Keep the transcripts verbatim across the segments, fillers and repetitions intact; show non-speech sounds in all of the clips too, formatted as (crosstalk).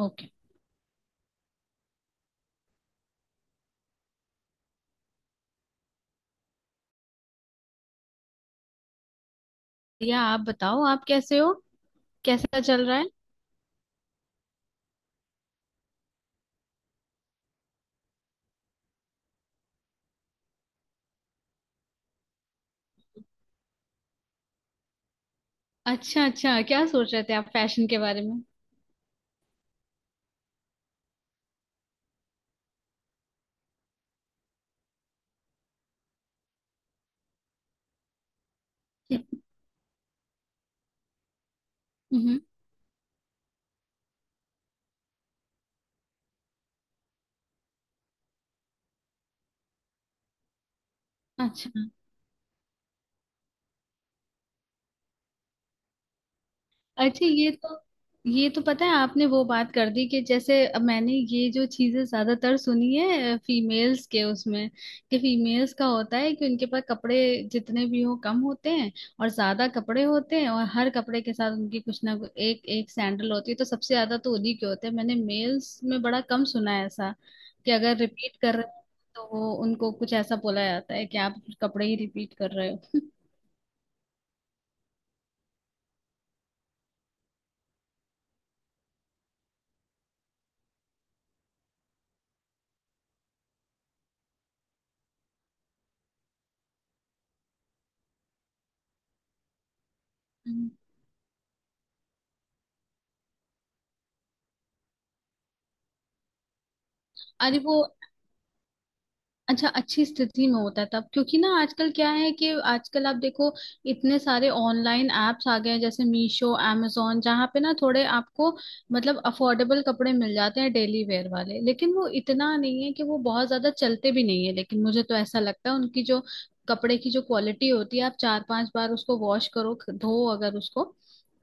Okay. या आप बताओ आप कैसे हो। कैसा चल रहा है। अच्छा अच्छा क्या सोच रहे थे आप फैशन के बारे में। (laughs) हम्म। अच्छा अच्छा ये तो ये तो पता है आपने वो बात कर दी कि जैसे अब मैंने ये जो चीजें ज्यादातर सुनी है फीमेल्स के उसमें कि फीमेल्स का होता है कि उनके पास कपड़े जितने भी हो कम होते हैं और ज्यादा कपड़े होते हैं और हर कपड़े के साथ उनकी कुछ ना कुछ एक एक सैंडल होती है तो सबसे ज्यादा तो उन्हीं के होते हैं। मैंने मेल्स में बड़ा कम सुना है ऐसा कि अगर रिपीट कर रहे हो तो वो उनको कुछ ऐसा बोला जाता है कि आप कपड़े ही रिपीट कर रहे हो। (laughs) हम्म। अरे वो अच्छा अच्छी स्थिति में होता है तब क्योंकि ना आजकल क्या है कि आजकल आप देखो इतने सारे ऑनलाइन एप्स आ गए हैं जैसे मीशो amazon जहाँ पे ना थोड़े आपको मतलब अफोर्डेबल कपड़े मिल जाते हैं डेली वेयर वाले। लेकिन वो इतना नहीं है कि वो बहुत ज्यादा चलते भी नहीं है। लेकिन मुझे तो ऐसा लगता है उनकी जो कपड़े की जो क्वालिटी होती है आप चार पांच बार उसको वॉश करो धो अगर उसको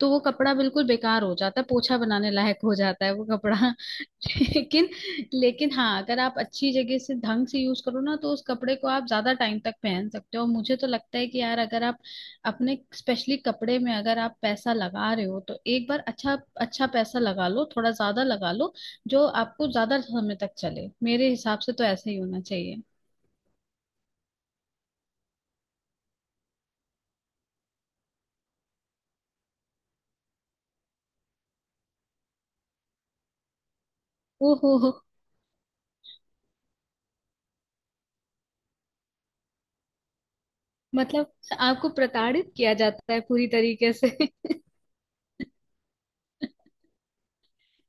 तो वो कपड़ा बिल्कुल बेकार हो जाता है पोछा बनाने लायक हो जाता है वो कपड़ा। (laughs) लेकिन लेकिन हाँ अगर आप अच्छी जगह से ढंग से यूज करो ना तो उस कपड़े को आप ज्यादा टाइम तक पहन सकते हो। मुझे तो लगता है कि यार अगर आप अपने स्पेशली कपड़े में अगर आप पैसा लगा रहे हो तो एक बार अच्छा अच्छा पैसा लगा लो थोड़ा ज्यादा लगा लो जो आपको ज्यादा समय तक चले। मेरे हिसाब से तो ऐसे ही होना चाहिए। ओहो। मतलब आपको प्रताड़ित किया जाता है पूरी तरीके से। (laughs)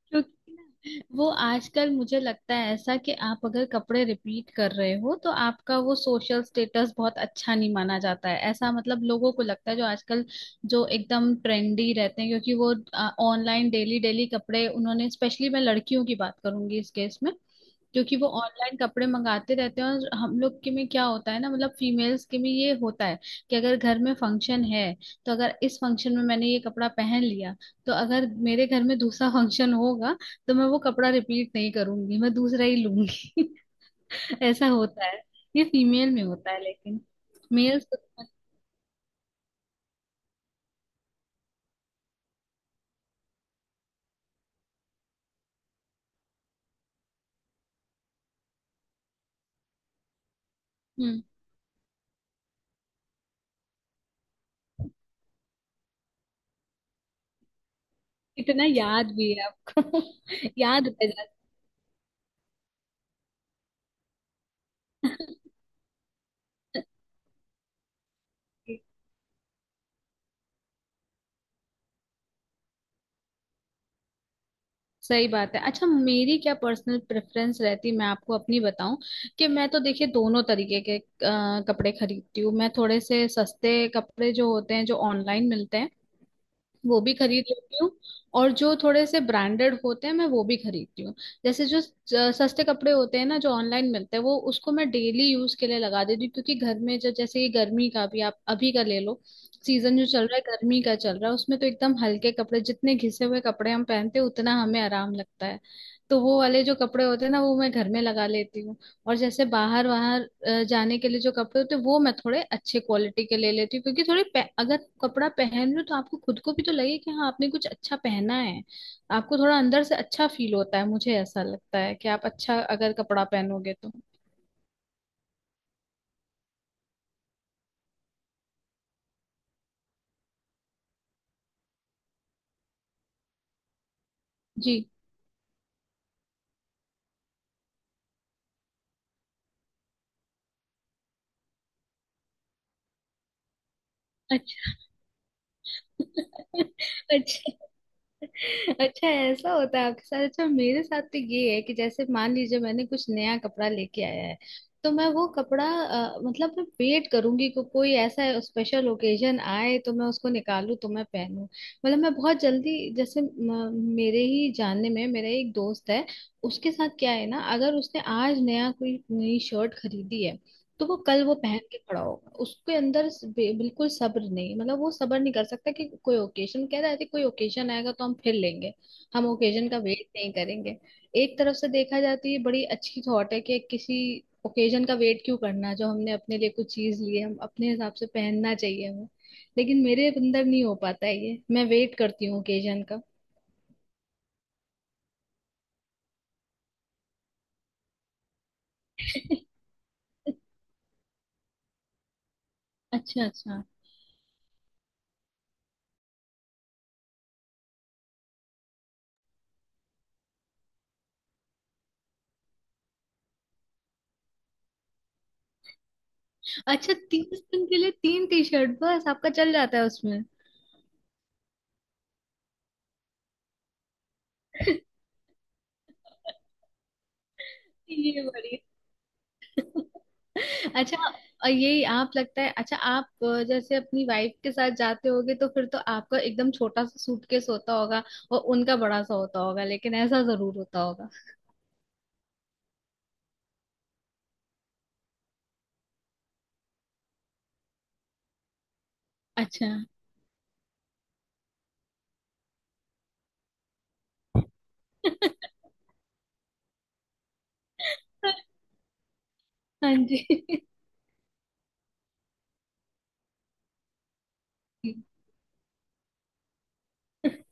क्योंकि ना, वो आजकल मुझे लगता है ऐसा कि आप अगर कपड़े रिपीट कर रहे हो तो आपका वो सोशल स्टेटस बहुत अच्छा नहीं माना जाता है ऐसा मतलब लोगों को लगता है जो आजकल जो एकदम ट्रेंडी रहते हैं क्योंकि वो ऑनलाइन डेली डेली कपड़े उन्होंने स्पेशली मैं लड़कियों की बात करूंगी इस केस में क्योंकि वो ऑनलाइन कपड़े मंगाते रहते हैं। और हम लोग के में क्या होता है ना मतलब फीमेल्स के में ये होता है कि अगर घर में फंक्शन है तो अगर इस फंक्शन में मैंने ये कपड़ा पहन लिया तो अगर मेरे घर में दूसरा (laughs) फंक्शन होगा तो मैं वो कपड़ा रिपीट नहीं करूंगी मैं दूसरा ही लूंगी। (laughs) ऐसा होता है ये फीमेल में होता है लेकिन मेल्स। हम्म। इतना याद भी है आपको। (laughs) याद रह जाता है। (laughs) सही बात है। अच्छा मेरी क्या पर्सनल प्रेफरेंस रहती मैं आपको अपनी बताऊं कि मैं तो देखिए दोनों तरीके के अ, कपड़े खरीदती हूँ। मैं थोड़े से सस्ते कपड़े जो होते हैं जो ऑनलाइन मिलते हैं वो भी खरीद लेती हूँ। और जो थोड़े से ब्रांडेड होते हैं मैं वो भी खरीदती हूँ। जैसे जो स- सस्ते कपड़े होते हैं ना जो ऑनलाइन मिलते हैं वो उसको मैं डेली यूज के लिए लगा देती हूँ क्योंकि घर में जो जैसे ये गर्मी का भी आप अभी का ले लो सीजन जो चल रहा है गर्मी का चल रहा है उसमें तो एकदम हल्के कपड़े जितने घिसे हुए कपड़े हम पहनते हैं उतना हमें आराम लगता है। तो वो वाले जो कपड़े होते हैं ना वो मैं घर में लगा लेती हूँ। और जैसे बाहर बाहर अ, जाने के लिए जो कपड़े होते हैं वो मैं थोड़े अच्छे क्वालिटी के ले लेती हूँ क्योंकि थोड़े पह- अगर कपड़ा पहन लूँ तो आपको खुद को भी तो लगे कि हाँ आपने कुछ अच्छा पहना है। आपको थोड़ा अंदर से अच्छा फील होता है। मुझे ऐसा लगता है कि आप अच्छा अगर कपड़ा पहनोगे तो। जी। अच्छा। (laughs) अच्छा अच्छा ऐसा होता है आपके साथ। अच्छा मेरे साथ तो ये है कि जैसे मान लीजिए मैंने कुछ नया कपड़ा लेके आया है तो मैं वो कपड़ा अ, मतलब मैं वेट करूंगी कि कोई ऐसा स्पेशल ओकेजन आए तो मैं उसको निकालूं तो मैं पहनूं। मतलब मैं बहुत जल्दी जैसे म, मेरे ही जानने में मेरा एक दोस्त है उसके साथ क्या है ना अगर उसने आज नया कोई नई शर्ट खरीदी है तो वो कल वो पहन के खड़ा होगा उसके अंदर स- बे- बिल्कुल सब्र नहीं मतलब वो सब्र नहीं कर सकता कि कोई ओकेजन कह रहा है कि कोई ओकेजन आएगा तो हम फिर लेंगे हम ओकेजन का वेट नहीं करेंगे। एक तरफ से देखा जाती है बड़ी अच्छी थॉट है कि किसी ओकेजन का वेट क्यों करना जो हमने अपने लिए कुछ चीज ली है हम अपने हिसाब से पहनना चाहिए हमें। लेकिन मेरे अंदर नहीं हो पाता है ये मैं वेट करती हूँ ओकेजन का। (laughs) अच्छा अच्छा। अच्छा तीस दिन के लिए तीन टी शर्ट बस आपका चल जाता है उसमें। (laughs) ये बड़ी। अच्छा और ये आप लगता है अच्छा आप अ, जैसे अपनी वाइफ के साथ जाते होगे तो फिर तो आपका एकदम छोटा सा सूटकेस होता होगा और उनका बड़ा सा होता होगा लेकिन ऐसा जरूर होता होगा। अच्छा। (laughs) हाँ जी। (laughs)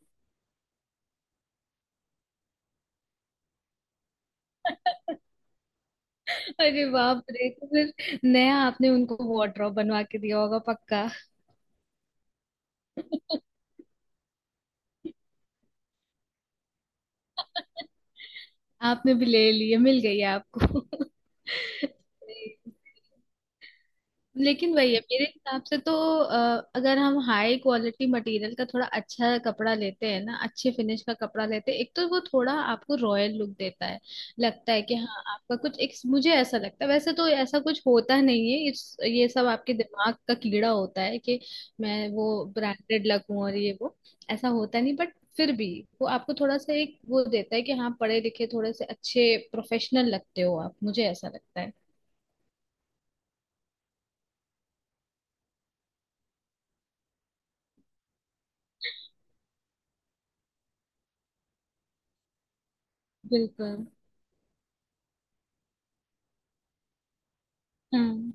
अरे बाप रे। तो फिर नया आपने उनको वार्डरोब बनवा के दिया होगा पक्का। (laughs) आपने भी ले लिए मिल गई आपको। (laughs) लेकिन वही है मेरे हिसाब से तो अ, अगर हम हाई क्वालिटी मटेरियल का थोड़ा अच्छा कपड़ा लेते हैं ना अच्छे फिनिश का कपड़ा लेते हैं एक तो वो थोड़ा आपको रॉयल लुक देता है। लगता है कि हाँ आपका कुछ एक मुझे ऐसा लगता है वैसे तो ऐसा कुछ होता नहीं है इस ये सब आपके दिमाग का कीड़ा होता है कि मैं वो ब्रांडेड लगूं और ये वो ऐसा होता नहीं। बट फिर भी वो आपको थोड़ा सा एक वो देता है कि हाँ पढ़े लिखे थोड़े से अच्छे प्रोफेशनल लगते हो आप मुझे ऐसा लगता है। बिल्कुल। हाँ।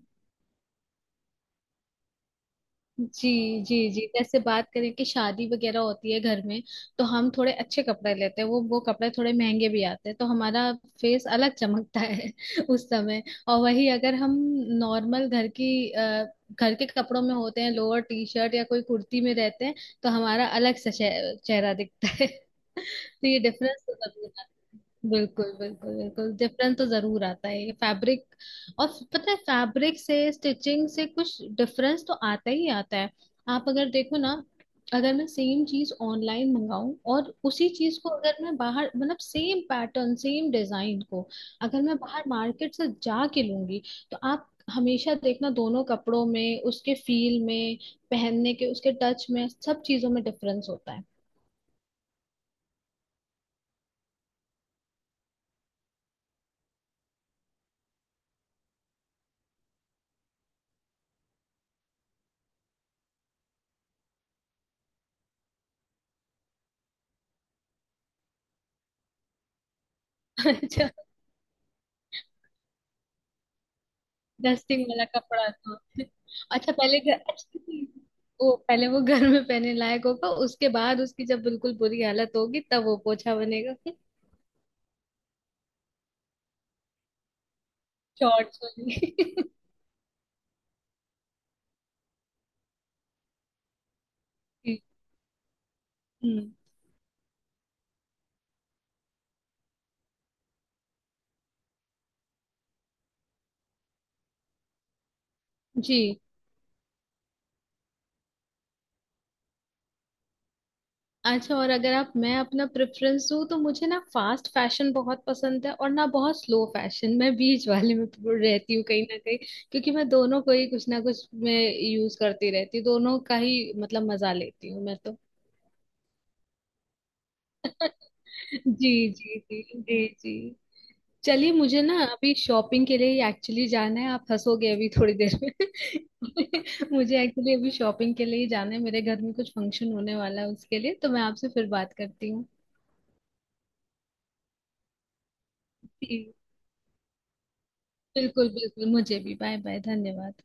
जी। जी जी जैसे बात करें कि शादी वगैरह होती है घर में तो हम थोड़े अच्छे कपड़े लेते हैं वो वो कपड़े थोड़े महंगे भी आते हैं तो हमारा फेस अलग चमकता है। (laughs) उस समय। और वही अगर हम नॉर्मल घर की अ, घर के कपड़ों में होते हैं लोअर टी शर्ट या कोई कुर्ती में रहते हैं तो हमारा अलग सा चेह- चेहरा दिखता है। तो ये डिफरेंस तो जरूर आता है। बिल्कुल बिल्कुल बिल्कुल डिफरेंस तो जरूर आता है ये फैब्रिक और पता है फैब्रिक से स्टिचिंग से कुछ डिफरेंस तो आता ही आता है। आप अगर देखो ना अगर मैं सेम चीज ऑनलाइन मंगाऊं और उसी चीज को अगर मैं बाहर मतलब सेम पैटर्न सेम डिजाइन को अगर मैं बाहर मार्केट से जाके लूंगी तो आप हमेशा देखना दोनों कपड़ों में उसके फील में पहनने के उसके टच में सब चीजों में डिफरेंस होता है। (laughs) डस्टिंग वाला कपड़ा था। अच्छा पहले घर अच्छा वो पहले वो घर में पहनने लायक होगा उसके बाद उसकी जब बिल्कुल बुरी हालत होगी तब वो पोछा बनेगा। शॉर्ट्स वाली। हम्म, जी। अच्छा और अगर आप मैं अपना प्रेफरेंस दूं तो मुझे ना फास्ट फैशन बहुत पसंद है और ना बहुत स्लो फैशन मैं बीच वाले में रहती हूँ कहीं ना कहीं क्योंकि मैं दोनों को ही कुछ ना कुछ मैं यूज करती रहती हूँ दोनों का ही मतलब मजा लेती हूँ मैं तो। जी जी जी जी जी। चलिए मुझे ना अभी शॉपिंग के लिए एक्चुअली जाना है आप हंसोगे अभी थोड़ी देर में। (laughs) मुझे एक्चुअली अभी शॉपिंग के लिए ही जाना है मेरे घर में कुछ फंक्शन होने वाला है उसके लिए तो मैं आपसे फिर बात करती हूँ। जी, बिल्कुल बिल्कुल मुझे भी बाय बाय धन्यवाद।